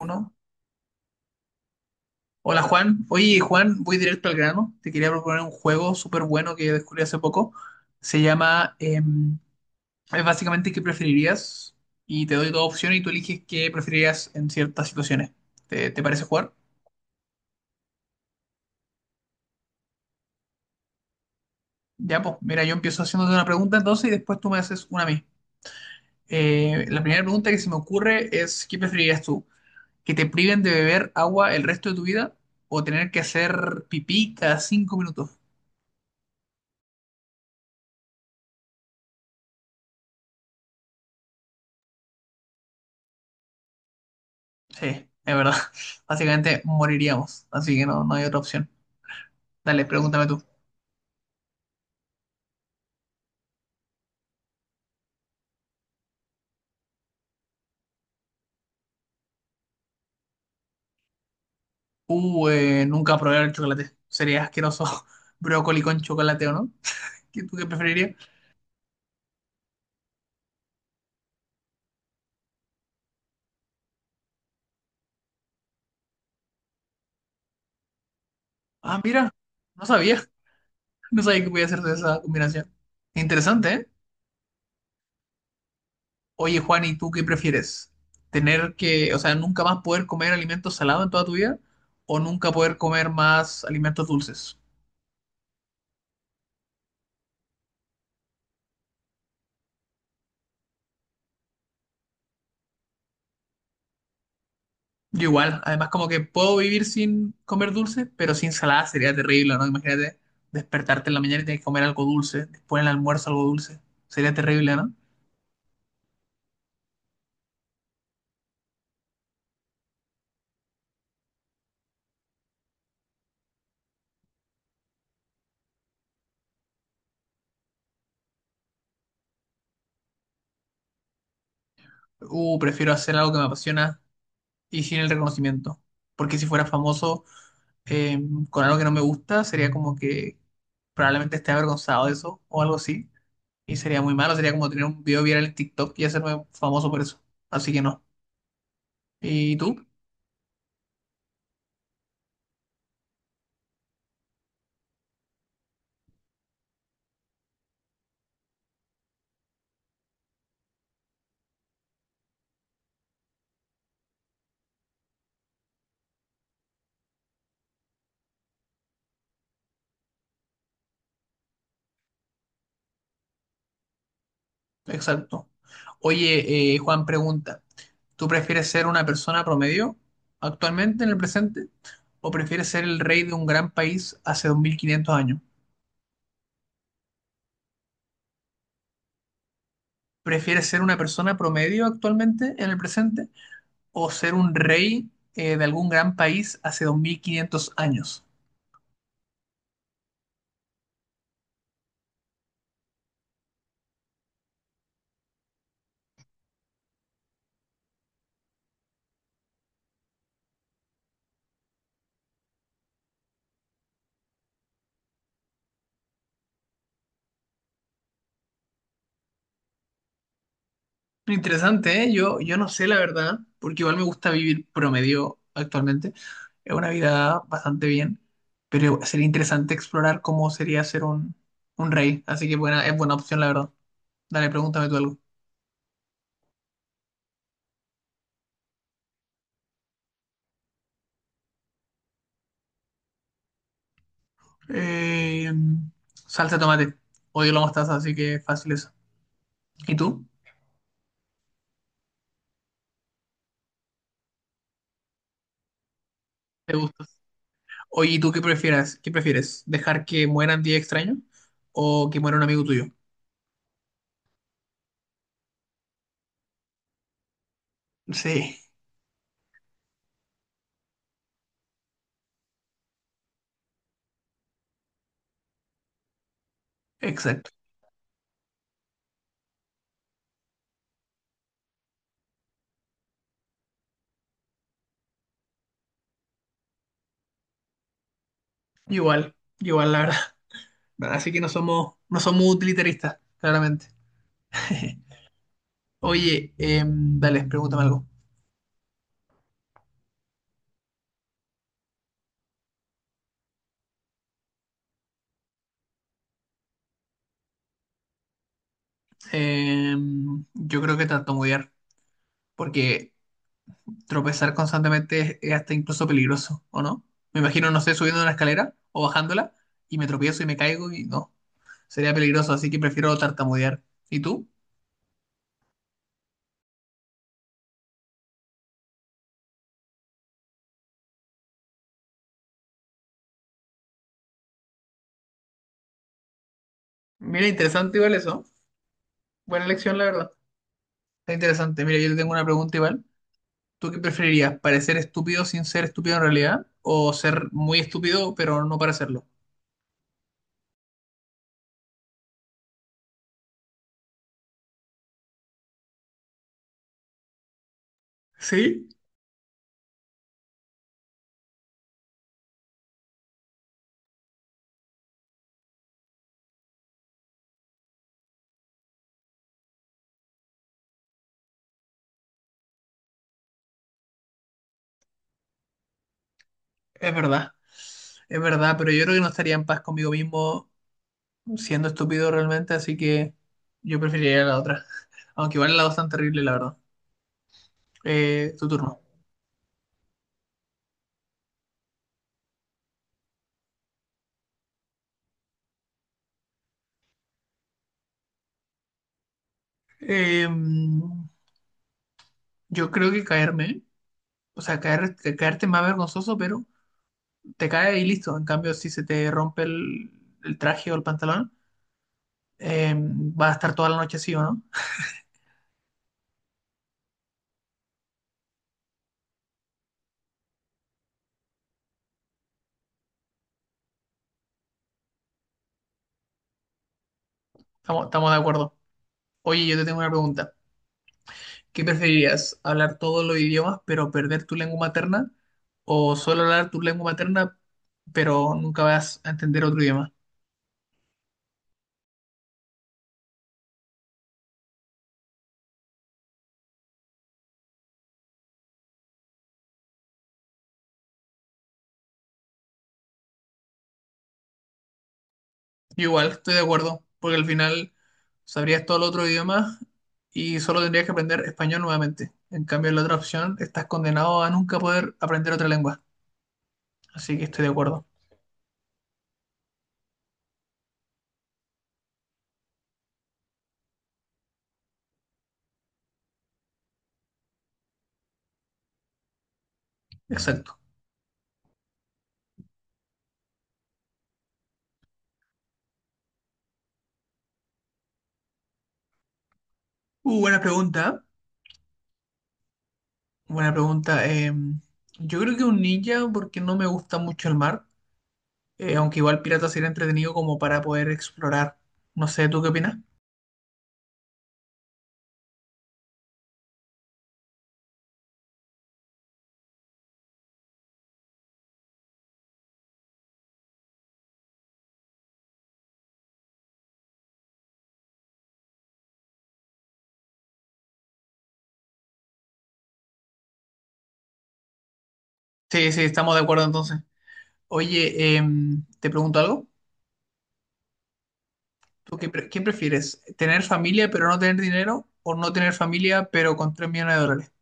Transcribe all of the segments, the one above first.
Uno. Hola Juan. Oye Juan, voy directo al grano. Te quería proponer un juego súper bueno que descubrí hace poco. Se llama, es básicamente qué preferirías y te doy dos opciones y tú eliges qué preferirías en ciertas situaciones. ¿Te parece jugar? Ya, pues mira, yo empiezo haciéndote una pregunta entonces y después tú me haces una a mí. La primera pregunta que se me ocurre es, ¿qué preferirías tú? ¿Que te priven de beber agua el resto de tu vida o tener que hacer pipí cada 5 minutos? Sí, es verdad. Básicamente moriríamos, así que no, no hay otra opción. Dale, pregúntame tú. Nunca probé el chocolate. Sería asqueroso brócoli con chocolate, ¿o no? ¿Tú qué preferirías? Ah, mira, no sabía. No sabía que podía hacer de esa combinación. Interesante, ¿eh? Oye, Juan, ¿y tú qué prefieres? ¿Tener que, o sea, nunca más poder comer alimentos salados en toda tu vida o nunca poder comer más alimentos dulces? Yo igual, además como que puedo vivir sin comer dulce, pero sin salada sería terrible, ¿no? Imagínate despertarte en la mañana y tienes que comer algo dulce, después en el almuerzo algo dulce, sería terrible, ¿no? Prefiero hacer algo que me apasiona y sin el reconocimiento, porque si fuera famoso eh, con algo que no me gusta, sería como que probablemente esté avergonzado de eso o algo así, y sería muy malo, sería como tener un video viral en TikTok y hacerme famoso por eso, así que no. ¿Y tú? Exacto. Oye, Juan pregunta, ¿tú prefieres ser una persona promedio actualmente en el presente o prefieres ser el rey de un gran país hace 2500 años? ¿Prefieres ser una persona promedio actualmente en el presente o ser un rey de algún gran país hace 2500 años? Interesante, ¿eh? Yo no sé la verdad, porque igual me gusta vivir promedio actualmente. Es una vida bastante bien, pero sería interesante explorar cómo sería ser un rey. Así que buena, es buena opción, la verdad. Dale, pregúntame tú algo. Eh, salsa de tomate. Odio la mostaza, así que fácil eso. ¿Y tú? ¿Te gusta? Oye, ¿y tú qué prefieres? ¿Qué prefieres? ¿Dejar que mueran 10 extraños o que muera un amigo tuyo? Sí, exacto. Igual, igual, la verdad. Así que no somos, no somos utilitaristas, claramente. Oye, dale, pregúntame algo. Eh, yo creo que tartamudear, porque tropezar constantemente es hasta incluso peligroso, ¿o no? Me imagino, no sé, subiendo una escalera o bajándola y me tropiezo y me caigo y no, sería peligroso, así que prefiero tartamudear. ¿Y tú? Mira, interesante igual eso. Buena elección, la verdad. Está interesante. Mira, yo te tengo una pregunta igual. ¿Tú qué preferirías? ¿Parecer estúpido sin ser estúpido en realidad? ¿O ser muy estúpido pero no parecerlo? Sí, es verdad. Es verdad, pero yo creo que no estaría en paz conmigo mismo siendo estúpido realmente, así que yo preferiría la otra. Aunque igual la dos tan terrible, la verdad. Tu turno. Eh, yo creo que caerme, o sea, caer, caerte es más vergonzoso, pero te caes y listo. En cambio, si se te rompe el traje o el pantalón, vas a estar toda la noche así, ¿o no? Estamos de acuerdo. Oye, yo te tengo una pregunta. ¿Qué preferirías? ¿Hablar todos los idiomas pero perder tu lengua materna? ¿O solo hablar tu lengua materna pero nunca vas a entender otro idioma? Yo igual, estoy de acuerdo, porque al final sabrías todo el otro idioma y solo tendrías que aprender español nuevamente. En cambio, en la otra opción estás condenado a nunca poder aprender otra lengua. Así que estoy de acuerdo. Exacto. Buena pregunta. Buena pregunta. Yo creo que un ninja porque no me gusta mucho el mar. Aunque igual Pirata sería entretenido como para poder explorar. No sé, ¿tú qué opinas? Sí, sí, estamos de acuerdo entonces. Oye, te pregunto algo. ¿Quién prefieres? ¿Tener familia pero no tener dinero o no tener familia pero con 3 millones de dólares?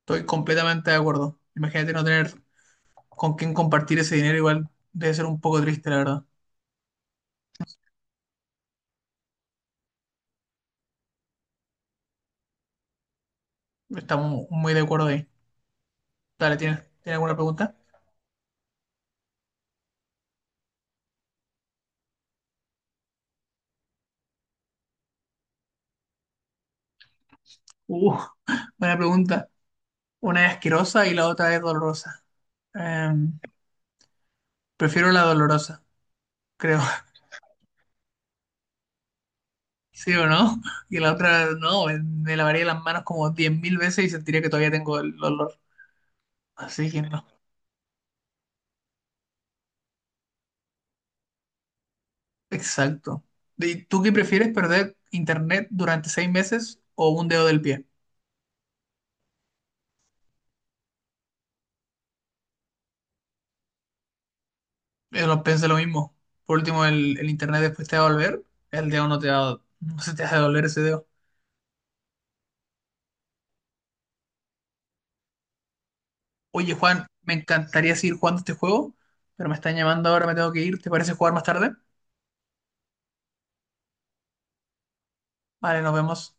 Estoy completamente de acuerdo. Imagínate no tener con quién compartir ese dinero, igual debe ser un poco triste, la verdad. Estamos muy de acuerdo ahí. Dale, ¿tienes alguna pregunta? Uh, buena pregunta. Una es asquerosa y la otra es dolorosa. Em, prefiero la dolorosa, creo. ¿Sí o no? Y la otra, no, me lavaría las manos como 10.000 veces y sentiría que todavía tengo el olor. Así que no. Exacto. ¿Y tú qué prefieres, perder internet durante 6 meses o un dedo del pie? Yo lo pensé lo mismo. Por último, el internet después te va a volver, el dedo no te va, no se te va a doler ese dedo. Oye, Juan, me encantaría seguir jugando este juego, pero me están llamando ahora, me tengo que ir. ¿Te parece jugar más tarde? Vale, nos vemos.